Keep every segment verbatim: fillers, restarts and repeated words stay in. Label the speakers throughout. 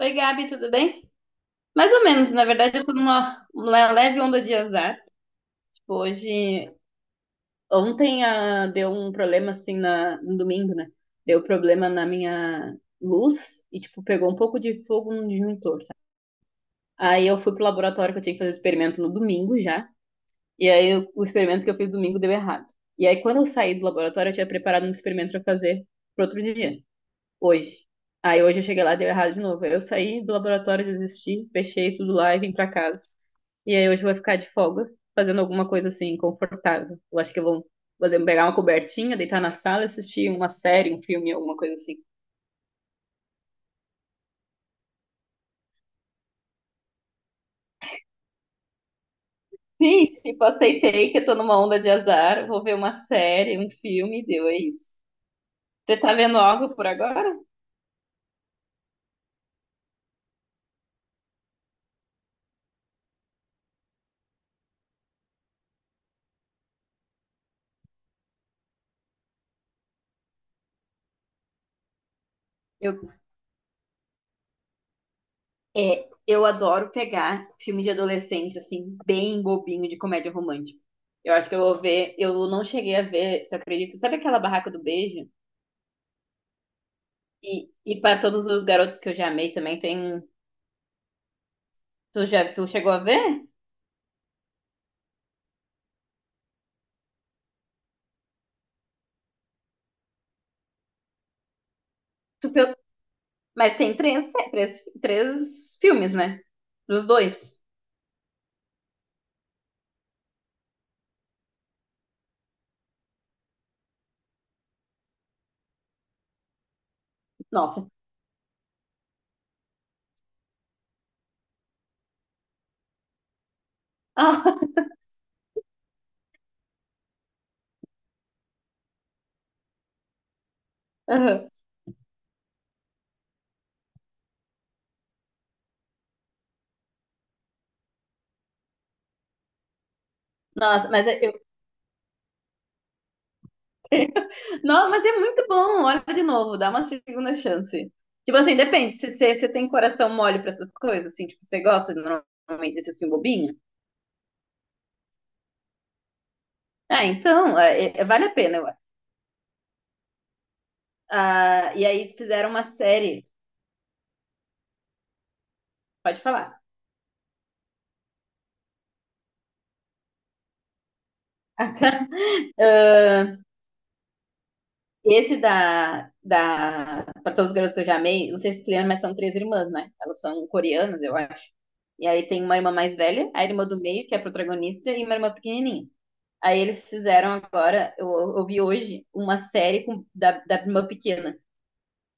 Speaker 1: Oi, Gabi, tudo bem? Mais ou menos, na verdade, eu tô numa, numa leve onda de azar. Tipo, hoje, ontem ah, deu um problema assim na, no domingo, né? Deu problema na minha luz e, tipo, pegou um pouco de fogo no disjuntor, sabe? Aí eu fui pro laboratório que eu tinha que fazer experimento no domingo já. E aí eu- o experimento que eu fiz domingo deu errado. E aí quando eu saí do laboratório, eu tinha preparado um experimento pra fazer pro outro dia, hoje. Aí hoje eu cheguei lá, e deu errado de novo. Aí eu saí do laboratório, desisti, fechei tudo lá e vim pra casa. E aí hoje eu vou ficar de folga, fazendo alguma coisa assim, confortável. Eu acho que eu vou fazer, pegar uma cobertinha, deitar na sala, assistir uma série, um filme, alguma coisa assim. Sim, tipo, aceitei que eu tô numa onda de azar, vou ver uma série, um filme, deu, é isso. Você tá vendo algo por agora? Eu, é, eu adoro pegar filme de adolescente, assim, bem bobinho de comédia romântica. Eu acho que eu vou ver, eu não cheguei a ver, você acredita? Sabe aquela Barraca do Beijo? E, e para todos os garotos que eu já amei também, tem. Tu já, tu chegou a ver? Tu pe- mas tem três, sé- três, três filmes, né? Dos dois. Nossa. Ah, aham. Nossa, mas é- eu, não, mas é muito bom. Olha de novo, dá uma segunda chance. Tipo assim, depende. Se você você tem coração mole pra essas coisas, assim, tipo, você gosta normalmente desse filme bobinho? Ah, então, é- é- é, vale a pena, eu acho. Ah, e aí fizeram uma série. Pode falar. Esse da, da para todos os garotos que eu já amei, não sei se tu lembra, mas são três irmãs, né? Elas são coreanas, eu acho. E aí tem uma irmã mais velha, a irmã do meio, que é a protagonista, e uma irmã pequenininha. Aí eles fizeram agora, eu, eu vi hoje, uma série com, da, da irmã pequena.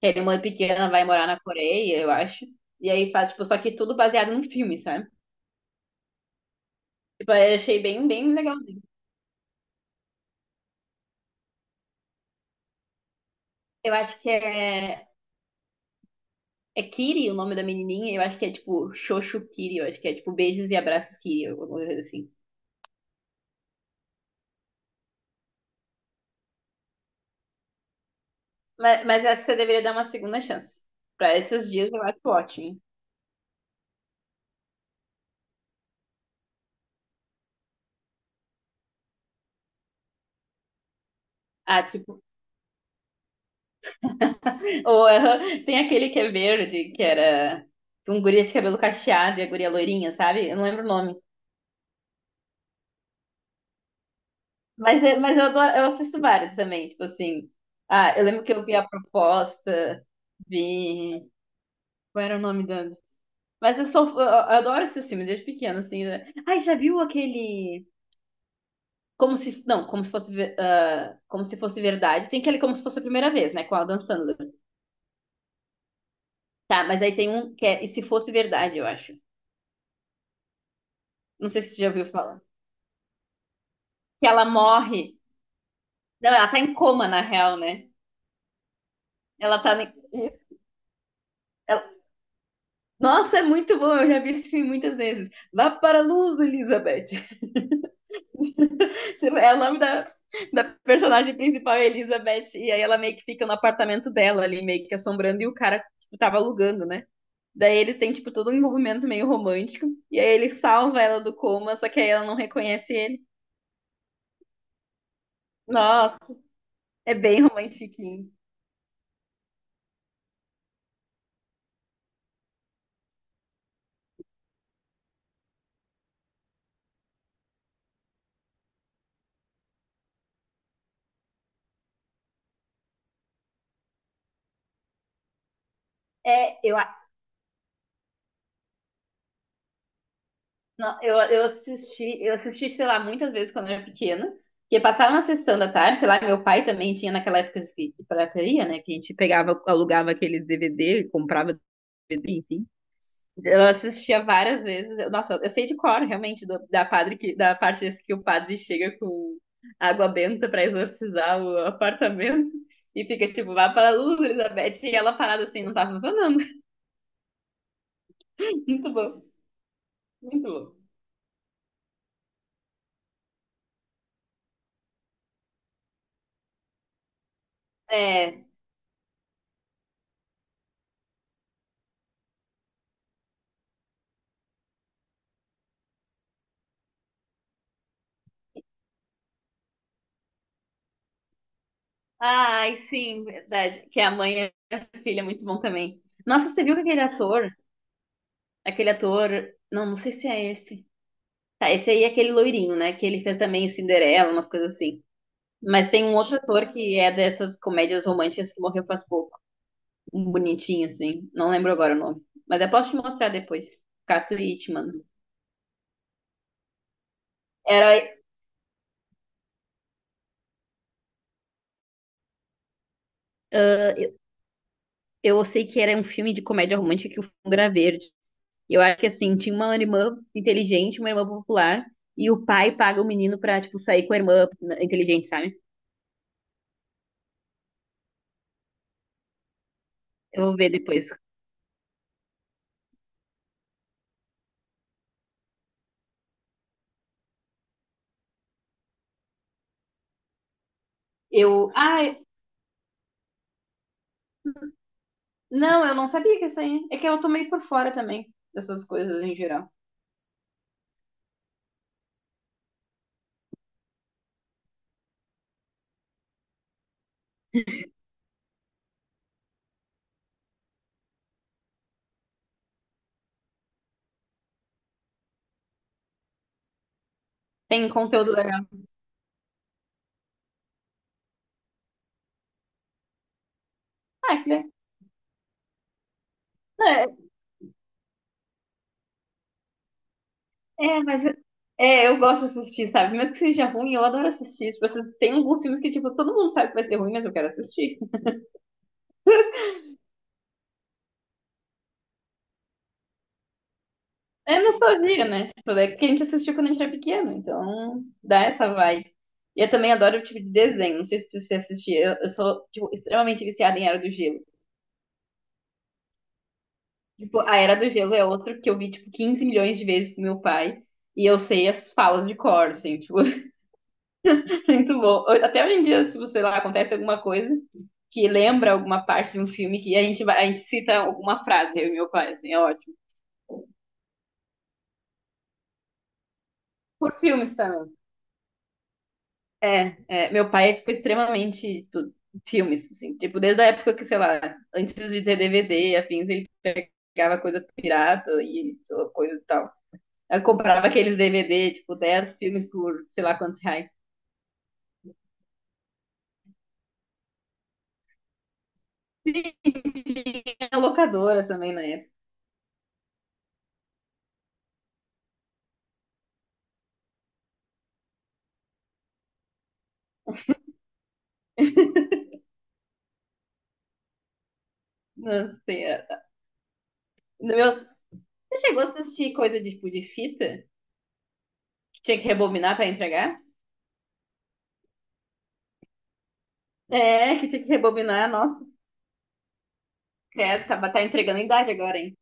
Speaker 1: Que a irmã pequena vai morar na Coreia, eu acho. E aí faz, tipo, só que tudo baseado num filme, sabe? Tipo, eu achei bem, bem legalzinho. Eu acho que é. É Kiri o nome da menininha, eu acho que é tipo Xoxo Kiri, eu acho que é tipo Beijos e Abraços Kiri, alguma coisa assim. Mas, mas eu acho que você deveria dar uma segunda chance. Pra esses dias eu acho ótimo. Ah, tipo, ou ah, tem aquele que é verde, que era um guria de cabelo cacheado e a guria loirinha, sabe? Eu não lembro o nome. Mas, é- mas eu, adoro- eu assisto vários também, tipo assim. Ah, eu lembro que eu vi a proposta, vi. Qual era o nome da. Mas eu sou. Eu eu adoro esses filmes desde pequena, assim, né? Ai, já viu aquele. como se, não, como se fosse, ve- ah, como se fosse verdade. Tem aquele como se fosse a primeira vez, né, com a Adam Sandler. Tá, mas aí tem um que é E se fosse verdade, eu acho. Não sei se você já ouviu falar. Que ela morre. Não, ela tá em coma, na real, né? Ela tá. ne- ela- Nossa, é muito bom, eu já vi esse filme muitas vezes. Vá para a luz, Elizabeth. Tipo, é o nome da, da personagem principal, é Elizabeth, e aí ela meio que fica no apartamento dela ali, meio que assombrando, e o cara, tipo, tava alugando, né? Daí ele tem tipo, todo um envolvimento meio romântico. E aí ele salva ela do coma, só que aí ela não reconhece ele. Nossa, é bem romantiquinho. É, eu, a- não, eu, eu assisti, eu assisti, sei lá, muitas vezes quando eu era pequena. Porque passava na sessão da tarde, sei lá, meu pai também tinha naquela época de, de pirataria, né? Que a gente pegava, alugava aqueles D V D, comprava D V D, enfim. Eu assistia várias vezes. Eu- nossa, eu sei de cor, realmente, do- da padre que, da parte desse que o padre chega com água benta pra exorcizar o apartamento e fica tipo, vá para a luz, Elizabeth, e ela parada assim, não tá funcionando. Muito bom, muito bom. É. Ai, sim, verdade. Que a mãe e a filha é muito bom também. Nossa, você viu que aquele ator, aquele ator, não, não sei se é esse. Tá, esse aí é aquele loirinho, né? Que ele fez também Cinderela, umas coisas assim. Mas tem um outro ator que é dessas comédias românticas que morreu faz pouco. Um bonitinho, assim. Não lembro agora o nome. Mas eu posso te mostrar depois. Cato e te. Era, ah, eu sei que era um filme de comédia romântica que o fundo era verde. E eu acho que assim, tinha uma irmã inteligente, uma irmã popular, e o pai paga o menino pra, tipo, sair com a irmã inteligente, sabe? Eu vou ver depois. Eu. Ai, não, eu não sabia que isso aí. É que eu tô meio por fora também dessas coisas em geral. Tem conteúdo legal. Ah, que legal. É, mas eu- é, eu gosto de assistir, sabe? Mesmo que seja ruim, eu adoro assistir. Tipo, esses- tem alguns filmes que, tipo, todo mundo sabe que vai ser ruim, mas eu quero assistir. É nostalgia, né? Tipo, é que a gente assistiu quando a gente era pequeno, então dá essa vibe. E eu também adoro o tipo de desenho. Não sei se você assistia. Eu, eu sou, tipo, extremamente viciada em Era do Gelo. Tipo, a Era do Gelo é outro que eu vi, tipo, quinze milhões de vezes com meu pai. E eu sei as falas de cor, assim, tipo. Muito bom. Até hoje em dia, se você lá acontece alguma coisa que lembra alguma parte de um filme que a gente vai, a gente cita alguma frase, eu e meu pai, assim, é ótimo. Por filmes também. É, meu pai é, tipo, extremamente, tipo, filmes, assim, tipo, desde a época que, sei lá, antes de ter D V D, afins, ele pegava coisa pirata e to- coisa e tal. Eu comprava aqueles D V D, tipo, dez filmes por sei lá quantos reais. Tinha locadora também na época. Não sei. É- Meus... Você chegou a assistir coisa de, tipo, de fita? Tinha que rebobinar pra entregar? É, que tinha que rebobinar, nossa. É, tá, tá entregando a idade agora, hein?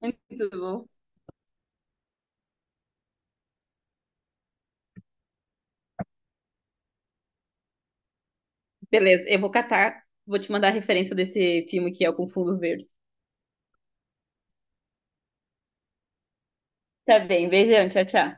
Speaker 1: Muito bom. Beleza, eu vou catar, vou te mandar a referência desse filme que é o Com Fundo Verde. Tá bem, beijão, tchau, tchau.